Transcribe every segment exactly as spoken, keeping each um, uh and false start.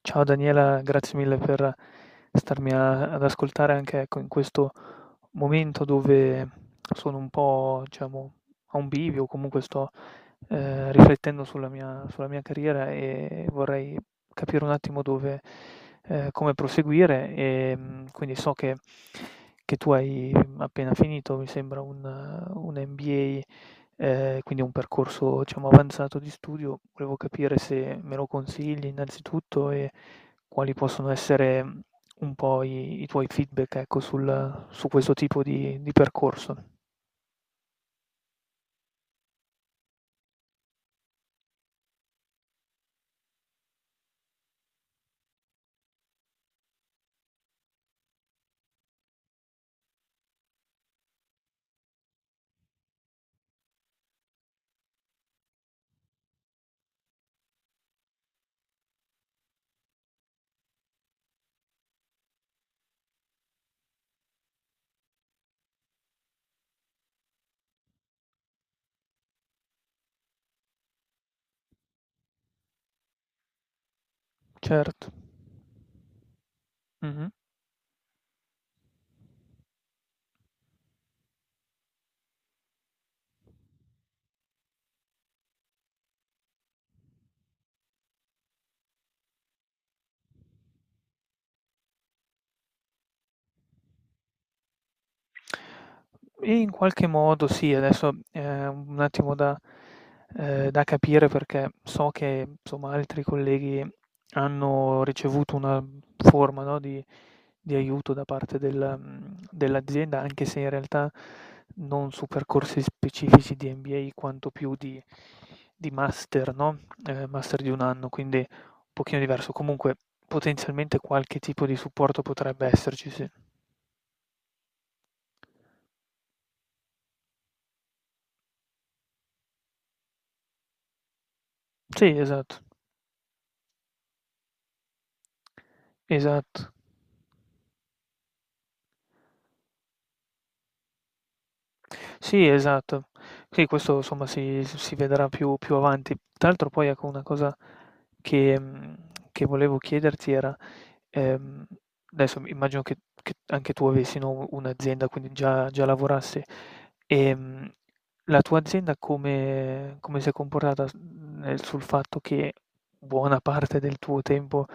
Ciao Daniela, grazie mille per starmi a- ad ascoltare anche, ecco, in questo momento dove sono un po', diciamo, a un bivio. Comunque sto eh, riflettendo sulla mia, sulla mia carriera e vorrei capire un attimo dove, eh, come proseguire e mm, quindi so che, che tu hai appena finito, mi sembra, un, un M B A. Ehm, quindi è un percorso, diciamo, avanzato di studio. Volevo capire se me lo consigli innanzitutto e quali possono essere, mhmm, un po' i i tuoi feedback, ecco, sul su questo tipo di di percorso. Certo. Mh-mh. In qualche modo sì, adesso è un attimo da, ehm, da capire, perché so che, insomma, altri colleghi hanno ricevuto una forma, no, di di aiuto da parte del mhmm, dell'azienda, anche se in realtà non su percorsi specifici di M B A, quanto più di di master, no, ehm, master di un anno, quindi un pochino diverso. Comunque potenzialmente qualche tipo di supporto potrebbe esserci, sì. Sì, esatto, esatto. Sì, esatto. Sì, questo insomma si si vedrà più più avanti. Tra l'altro poi, ecco, una cosa che mhmm, che volevo chiederti era, ehm, adesso immagino che che anche tu avessi, no, un'azienda, quindi già già lavorassi. Ehm, la tua azienda come come si è comportata s nel sul fatto che buona parte del tuo tempo,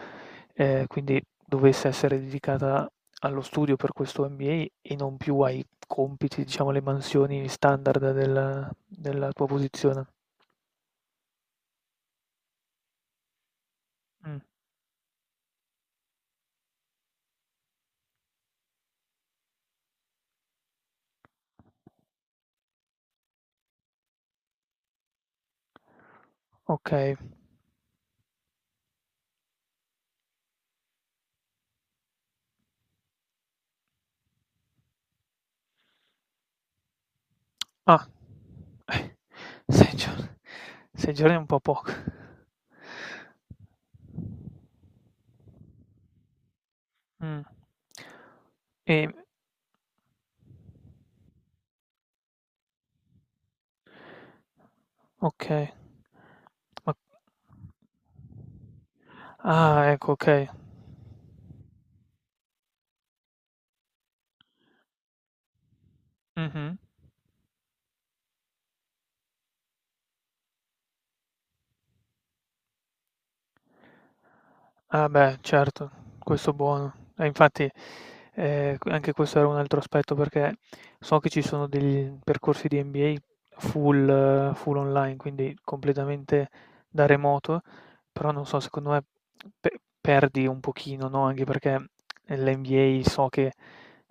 ehm, quindi dovesse essere dedicata allo studio per questo M B A e non più ai compiti, diciamo, alle mansioni standard della della tua posizione. Mh, okay. Ah. sei giorni, sei giorni è un po' poco. Mh. Ehm, okay. Ma, ah, ecco, okay. Mh-mh. Ah beh, certo, questo buono. E infatti, ehm, q anche questo era un altro aspetto, perché so che ci sono degli percorsi di M B A full eh, full online, quindi completamente da remoto, però non so, secondo me pe perdi un pochino, no, anche perché nell'M B A so che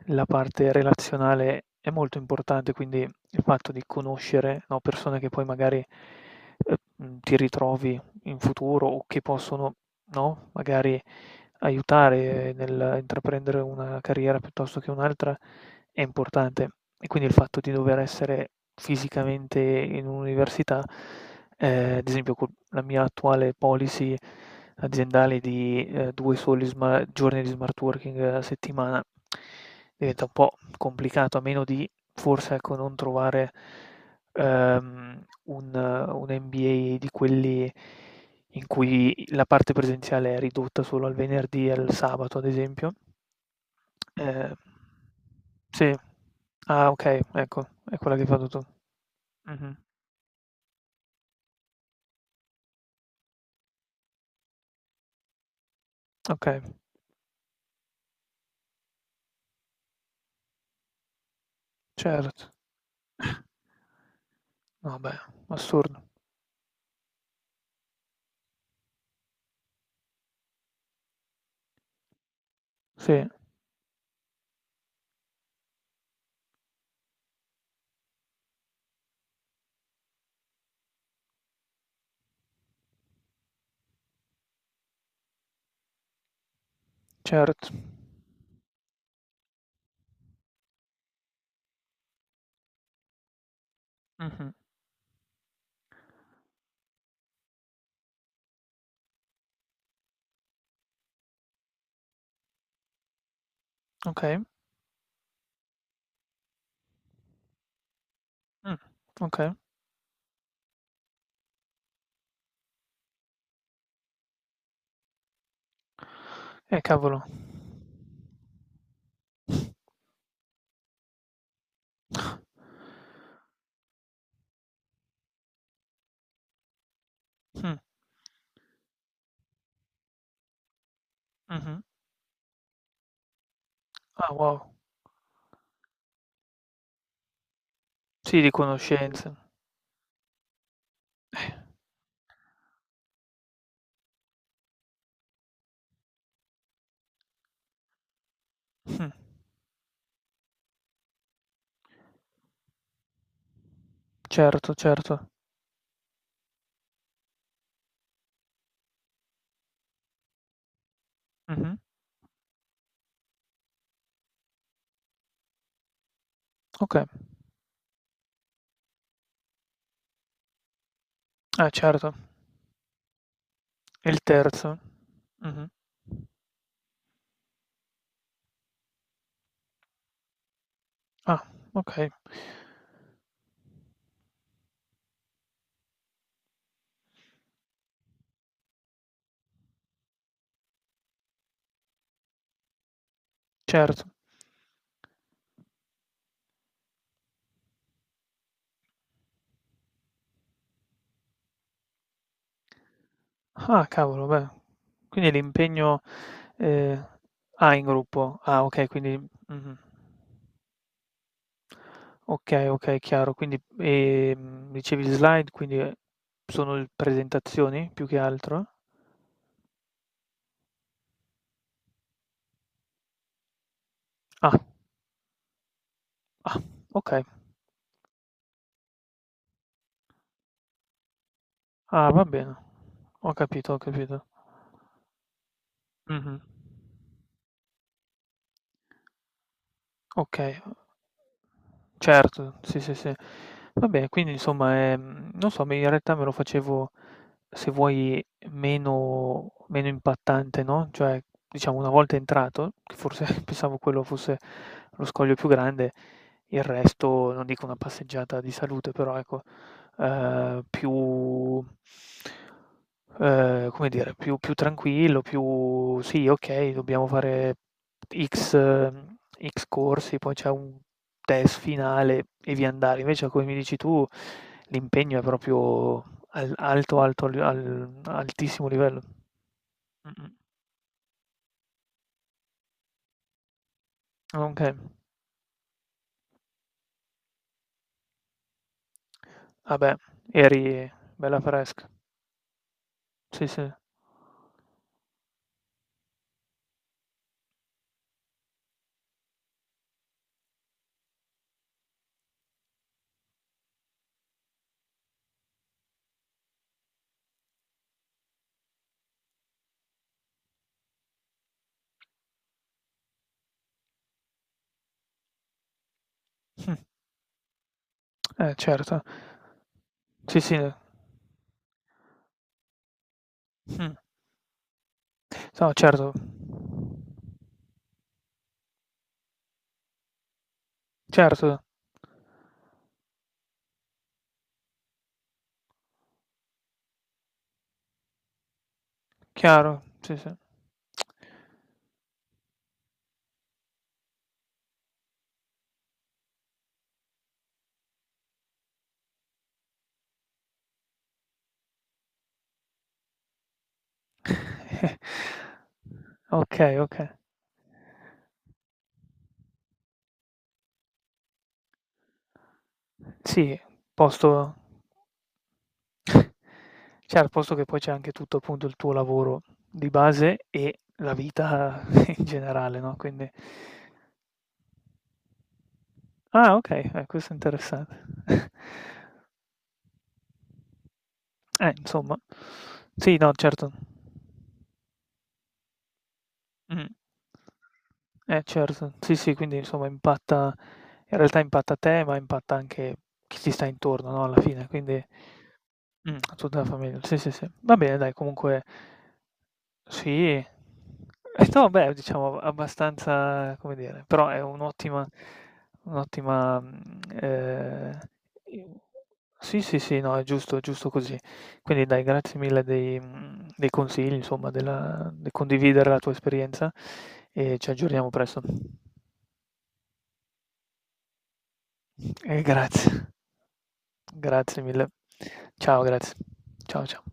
la parte relazionale è molto importante, quindi il fatto di conoscere, no, persone che poi magari, ehm, ti ritrovi in futuro o che possono, no, magari aiutare nell'intraprendere una carriera piuttosto che un'altra è importante. E quindi il fatto di dover essere fisicamente in un'università, ehm, ad esempio co la mia attuale policy aziendale di, ehm, due soli sma giorni di smart working a settimana, diventa un po' complicato, a meno di forse, ecco, non trovare, ehm, un un M B A di quelli in cui la parte presenziale è ridotta solo al venerdì e al sabato, ad esempio. Ehm sì. Ah, okay, ecco, è quella che hai fatto tu. Mh-mh. Okay, certo. No beh, assurdo. Sì, certo. Mh-mh. Okay. Mh. Okay. Eh cavolo. Mh. Mh-mh. Ah wow. Sì, di conoscenze. Eh. Mh. Certo, certo. Mh-mh. Okay. Eh certo. E il terzo? Mh-mh. Ah, okay, certo. Ah, cavolo, beh, quindi l'impegno, ehm ah, in gruppo. Ah, okay, quindi mh-mh. Okay, okay, chiaro. Quindi, ehm, dicevi slide, quindi, ehm, sono l presentazioni più che altro? Ah, ah, okay. Ah, va bene. Ho capito, ho capito. Mh-mh. Okay. Certo, sì, sì, sì. Vabbè, quindi insomma, ehm, non so, me in realtà me lo facevo, se vuoi, meno meno impattante, no, cioè, diciamo una volta entrato, che forse pensavo quello fosse lo scoglio più grande, il resto non dico una passeggiata di salute, però ecco, ehm, più ehm, come dire, più più tranquillo, più sì, okay, dobbiamo fare X eh, X corsi, poi c'è un test finale e via andare. Invece, come mi dici tu, l'impegno è proprio al alto, alto, al al altissimo livello. Mh-mh. Okay. Ah beh, eri bella fresca. Sì, sì. Mh. Eh certo. Sì, sì. Mh. No certo. Certo, chiaro. Sì, sì. Okay, okay. Sì, posto cioè al posto che poi c'è anche tutto appunto il tuo lavoro di base e la vita in generale, no, quindi ah okay, eh, questo è interessante. Eh, insomma. Sì, no, certo. Mh. Eh, certo. Sì, sì, quindi insomma impatta in realtà impatta te, ma impatta anche chi ti sta intorno, no, alla fine, quindi mh, tutta la famiglia. Sì, sì, sì. Va bene dai, comunque sì. E no, beh, diciamo abbastanza, come dire, però è un'ottima un'ottima, mhmm, ehm, i sì, sì, sì, no, è giusto, è giusto così. Quindi dai, grazie mille dei mhmm, dei consigli, insomma, della del condividere la tua esperienza e ci aggiorniamo presto. E grazie, grazie mille. Ciao, grazie. Ciao, ciao.